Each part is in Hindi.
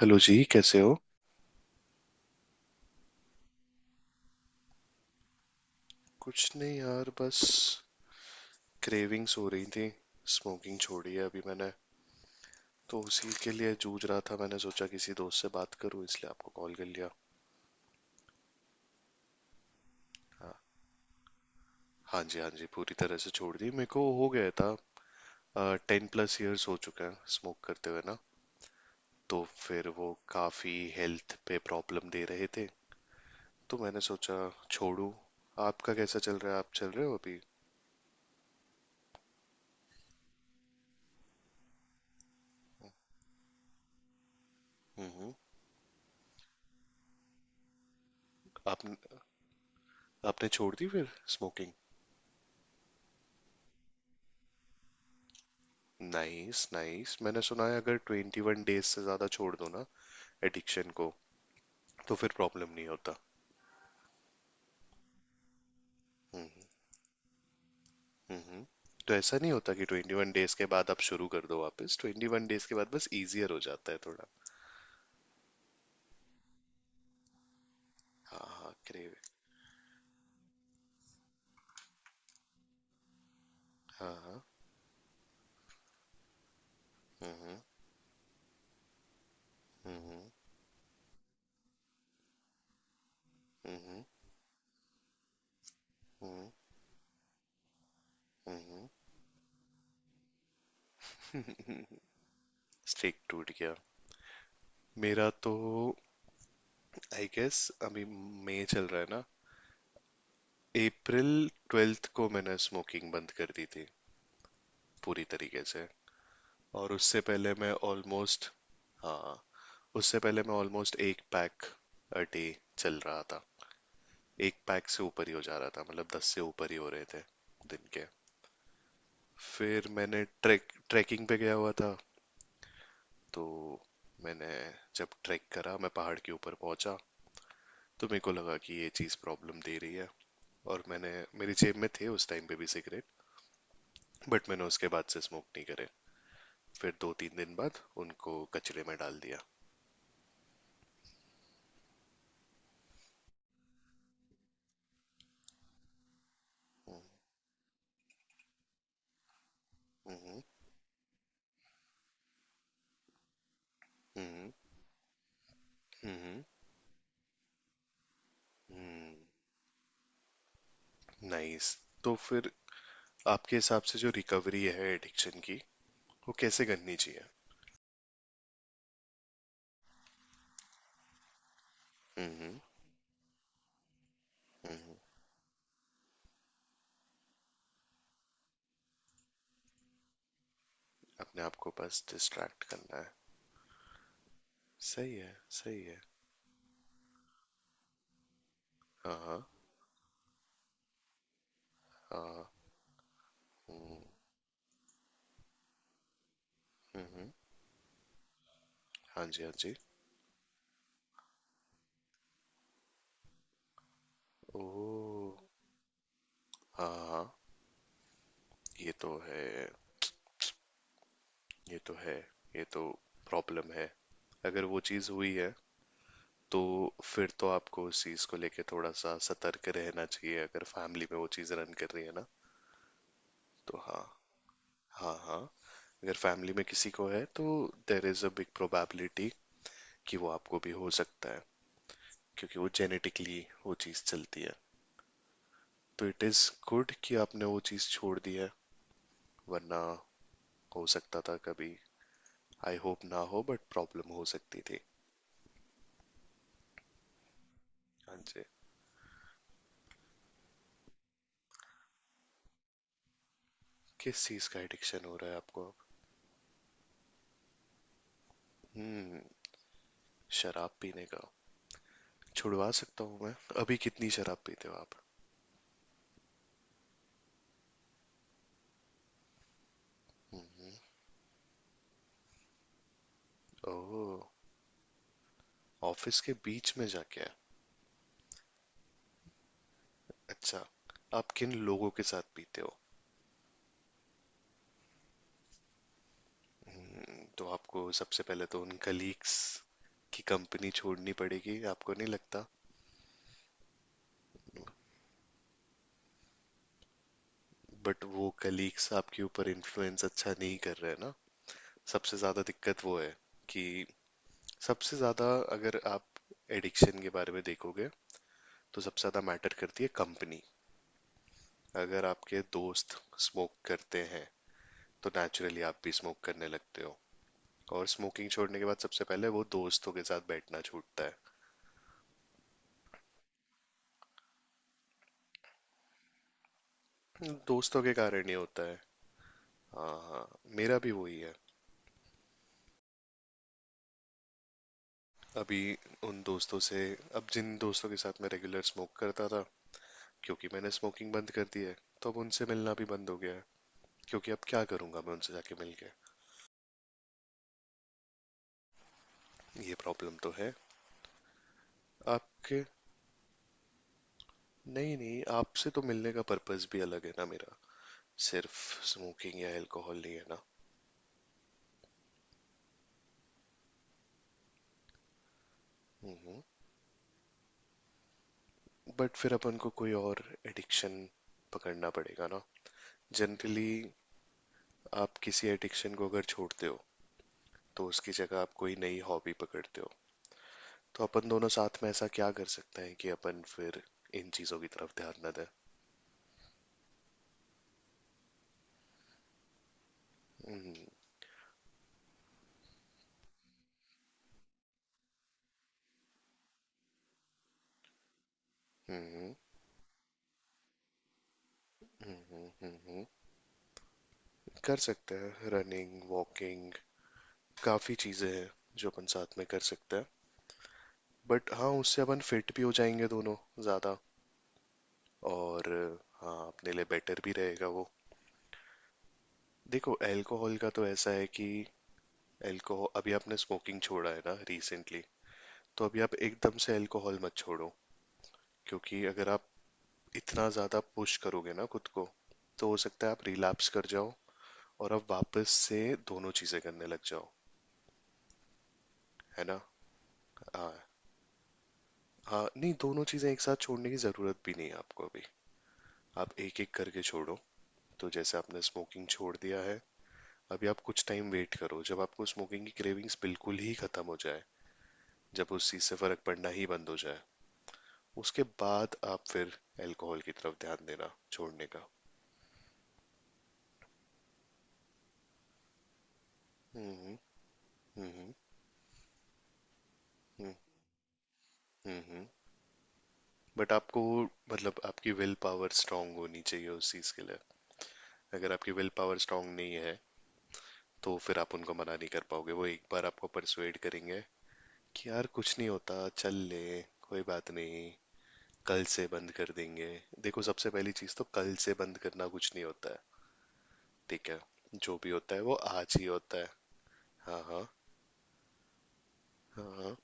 हेलो जी, कैसे हो। कुछ नहीं यार, बस क्रेविंग्स हो रही थी। स्मोकिंग छोड़ी है अभी मैंने। तो उसी के लिए जूझ रहा था, मैंने सोचा किसी दोस्त से बात करूं, इसलिए आपको कॉल कर लिया। हाँ। हाँ जी, हाँ जी, पूरी तरह से छोड़ दी। मेरे को हो गया था, 10+ इयर्स हो चुके हैं स्मोक करते हुए ना। तो फिर वो काफ़ी हेल्थ पे प्रॉब्लम दे रहे थे, तो मैंने सोचा छोड़ू। आपका कैसा चल रहा है? आप चल रहे हो अभी? हम्म। हम्म। आपने आपने छोड़ दी फिर, स्मोकिंग। नाइस नाइस, मैंने सुना है अगर 21 डेज से ज्यादा छोड़ दो ना, एडिक्शन को, तो फिर प्रॉब्लम नहीं होता। हम्म। हम्म। हम्म। तो ऐसा नहीं होता कि 21 डेज के बाद आप शुरू कर दो वापस, 21 डेज के बाद बस इजियर हो जाता है थोड़ा। हाँ हाँ क्रेव हाँ हाँ। हम्म। हम्म। हम्म। हम्म। हम्म। स्टिक टूट गया मेरा तो। आई गेस, अभी मई चल रहा है ना। 12 अप्रैल को मैंने स्मोकिंग बंद कर दी थी, पूरी तरीके से। और उससे पहले मैं ऑलमोस्ट। हाँ। उससे पहले मैं ऑलमोस्ट एक पैक अ डे चल रहा था। एक पैक से ऊपर ही हो जा रहा था, मतलब 10 से ऊपर ही हो रहे थे दिन के। फिर मैंने ट्रैकिंग पे गया हुआ था, तो मैंने जब ट्रैक करा मैं पहाड़ के ऊपर पहुंचा, तो मेरे को लगा कि ये चीज़ प्रॉब्लम दे रही है। और मैंने मेरी जेब में थे उस टाइम पे भी सिगरेट, बट मैंने उसके बाद से स्मोक नहीं करे। फिर 2-3 दिन बाद उनको कचरे में डाल दिया। हम्म। हम्म। हम्म। हम्म। हम्म। नाइस। तो फिर आपके हिसाब से जो रिकवरी है एडिक्शन की, वो कैसे करनी चाहिए? हम्म। हम्म। अपने आप को बस डिस्ट्रैक्ट करना है। सही है। सही है। हाँ। हाँ। हाँ। हम्म। हम्म। हाँ जी, हाँ जी। ओ। हाँ हाँ। ये तो है। ये तो है। ये तो प्रॉब्लम है। अगर वो चीज़ हुई है, तो फिर तो आपको उस चीज़ को लेके थोड़ा सा सतर्क रहना चाहिए अगर फैमिली में वो चीज़ रन कर रही है ना, तो हाँ। हाँ हाँ, अगर फैमिली में किसी को है तो there is a big probability कि वो आपको भी हो सकता है। क्योंकि वो जेनेटिकली वो चीज़ चलती है। तो इट इज़ गुड कि आपने वो चीज़ छोड़ दी है। वरना हो सकता था कभी। आई होप ना हो, बट प्रॉब्लम हो सकती थी। हाँ जी। किस चीज़ का एडिक्शन हो रहा है आपको? हम्म। शराब पीने का? छुड़वा सकता हूँ मैं। अभी कितनी शराब पीते हो आप? हम्म। ओह। ऑफिस के बीच में जाके? अच्छा। आप किन लोगों के साथ पीते हो? तो आपको सबसे पहले तो उन कलीग्स की कंपनी छोड़नी पड़ेगी, आपको नहीं लगता? बट वो कलीग्स आपके ऊपर इन्फ्लुएंस अच्छा नहीं कर रहे हैं ना। सबसे ज़्यादा दिक्कत वो है कि सबसे ज़्यादा, अगर आप एडिक्शन के बारे में देखोगे, तो सबसे ज़्यादा मैटर करती है कंपनी। अगर आपके दोस्त स्मोक करते हैं तो नेचुरली आप भी स्मोक करने लगते हो। और स्मोकिंग छोड़ने के बाद सबसे पहले वो दोस्तों के साथ बैठना छूटता है, दोस्तों के कारण ही होता है। हाँ हाँ। मेरा भी वही है। अभी उन दोस्तों से अब जिन दोस्तों के साथ मैं रेगुलर स्मोक करता था, क्योंकि मैंने स्मोकिंग बंद कर दी है, तो अब उनसे मिलना भी बंद हो गया है। क्योंकि अब क्या करूंगा मैं उनसे जाके मिल के। ये प्रॉब्लम तो है। आपके नहीं नहीं, आपसे तो मिलने का पर्पस भी अलग है ना मेरा। सिर्फ स्मोकिंग या अल्कोहल नहीं है। ना। बट फिर अपन को कोई और एडिक्शन पकड़ना पड़ेगा ना, जनरली आप किसी एडिक्शन को अगर छोड़ते हो, तो उसकी जगह आप कोई नई हॉबी पकड़ते हो। तो अपन दोनों साथ में ऐसा क्या कर सकते हैं कि अपन फिर इन चीजों की तरफ ध्यान न दें? हम्म। हम्म। हम्म। हम्म। हम्म। कर सकते हैं रनिंग, वॉकिंग, काफी चीजें हैं जो अपन साथ में कर सकते हैं। बट हाँ, उससे अपन फिट भी हो जाएंगे दोनों, ज्यादा, और हाँ, अपने लिए बेटर भी रहेगा वो। देखो, अल्कोहल का तो ऐसा है कि अल्कोहल, अभी आपने स्मोकिंग छोड़ा है ना रिसेंटली, तो अभी आप एकदम से अल्कोहल मत छोड़ो। क्योंकि अगर आप इतना ज़्यादा पुश करोगे ना खुद को, तो हो सकता है आप रिलैप्स कर जाओ, और आप वापस से दोनों चीज़ें करने लग जाओ, है ना। हाँ हाँ, नहीं दोनों चीज़ें एक साथ छोड़ने की ज़रूरत भी नहीं है आपको अभी। आप एक एक करके छोड़ो। तो जैसे आपने स्मोकिंग छोड़ दिया है, अभी आप कुछ टाइम वेट करो, जब आपको स्मोकिंग की क्रेविंग्स बिल्कुल ही खत्म हो जाए, जब उस चीज़ से फर्क पड़ना ही बंद हो जाए, उसके बाद आप फिर अल्कोहल की तरफ ध्यान देना, छोड़ने का। हम्म। हम्म। हम्म। हम्म। हम्म। हम्म। बट आपको, मतलब, आपकी विल पावर स्ट्रांग होनी चाहिए उस चीज के लिए। अगर आपकी विल पावर स्ट्रांग नहीं है, तो फिर आप उनको मना नहीं कर पाओगे। वो एक बार आपको परसुएड करेंगे कि यार कुछ नहीं होता, चल ले, कोई बात नहीं, कल से बंद कर देंगे। देखो, सबसे पहली चीज तो, कल से बंद करना कुछ नहीं होता है, ठीक है। जो भी होता है वो आज ही होता है। हाँ हाँ। हाँ हाँ।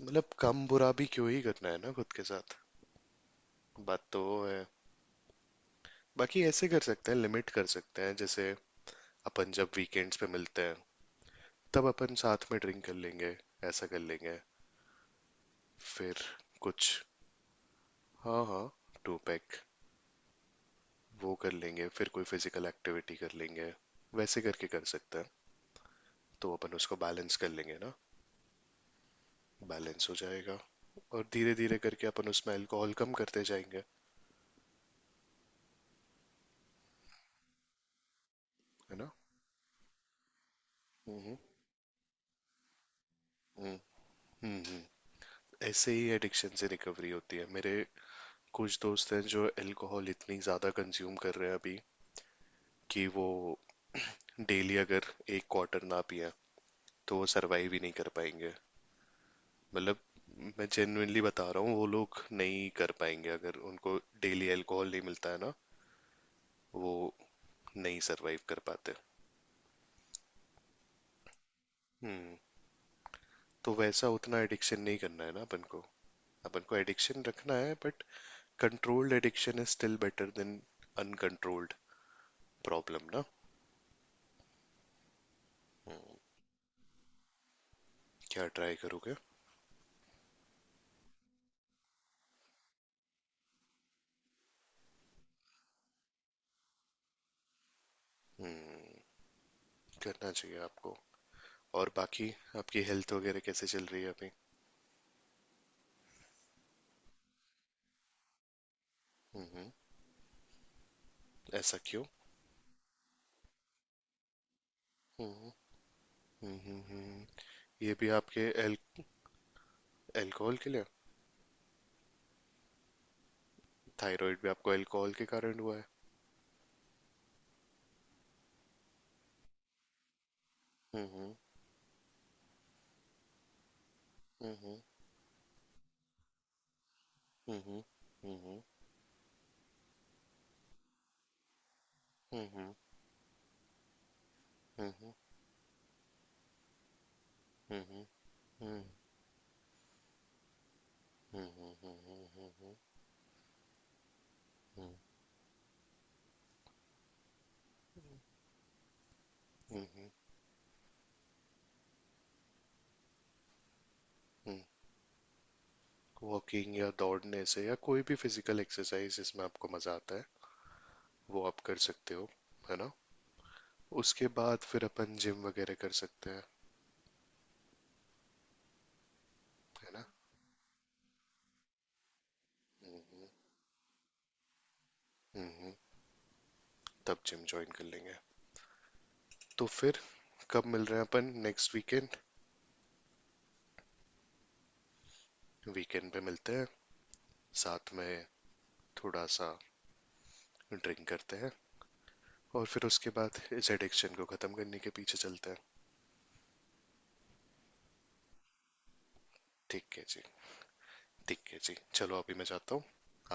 मतलब कम बुरा भी क्यों ही करना है ना खुद के साथ। बात तो वो है। बाकी ऐसे कर सकते हैं, लिमिट कर सकते हैं, जैसे अपन जब वीकेंड्स पे मिलते हैं तब अपन साथ में ड्रिंक कर लेंगे, ऐसा कर लेंगे, फिर कुछ। हाँ हाँ। 2 पैक। वो कर लेंगे, फिर कोई फिजिकल एक्टिविटी कर लेंगे, वैसे करके कर सकते हैं। तो अपन उसको बैलेंस कर लेंगे ना। बैलेंस हो जाएगा। और धीरे धीरे करके अपन उसमें अल्कोहल कम करते जाएंगे, है ना। हम्म। हम्म। हम्म। हम्म। ऐसे ही एडिक्शन से रिकवरी होती है। मेरे कुछ दोस्त हैं जो अल्कोहल इतनी ज़्यादा कंज्यूम कर रहे हैं अभी, कि वो डेली अगर एक क्वार्टर ना पिए तो वो सरवाइव ही नहीं कर पाएंगे। मतलब, मैं जेन्युइनली बता रहा हूँ, वो लोग नहीं कर पाएंगे अगर उनको डेली अल्कोहल नहीं मिलता है ना, वो नहीं सरवाइव कर पाते। हम्म। तो वैसा उतना एडिक्शन नहीं करना है ना अपन को। अपन को एडिक्शन रखना है, but controlled addiction is still better than uncontrolled problem ना। हम्म, क्या ट्राई करोगे? हम्म। करना चाहिए आपको। और बाकी, आपकी हेल्थ वगैरह कैसे चल रही है अभी? हम्म। ऐसा क्यों? हम्म। हम्म। ये भी आपके अल्कोहल के लिए? थायराइड भी आपको अल्कोहल के कारण हुआ है? हम्म। हम्म। हम्म। हम्म। हम्म। हम्म। हम्म। वॉकिंग या दौड़ने से, या कोई भी फिजिकल एक्सरसाइज जिसमें आपको मजा आता है, वो आप कर सकते हो, है ना। उसके बाद फिर अपन जिम वगैरह कर सकते हैं, है ना। हम्म, हम्म। तब जिम ज्वाइन कर लेंगे। तो फिर कब मिल रहे हैं अपन? Next weekend? वीकेंड पे मिलते हैं, साथ में थोड़ा सा ड्रिंक करते हैं, और फिर उसके बाद इस एडिक्शन को ख़त्म करने के पीछे चलते हैं। ठीक है जी। ठीक है जी, चलो अभी मैं जाता हूँ,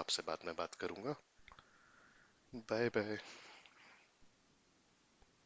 आपसे बाद में बात करूँगा। Bye bye.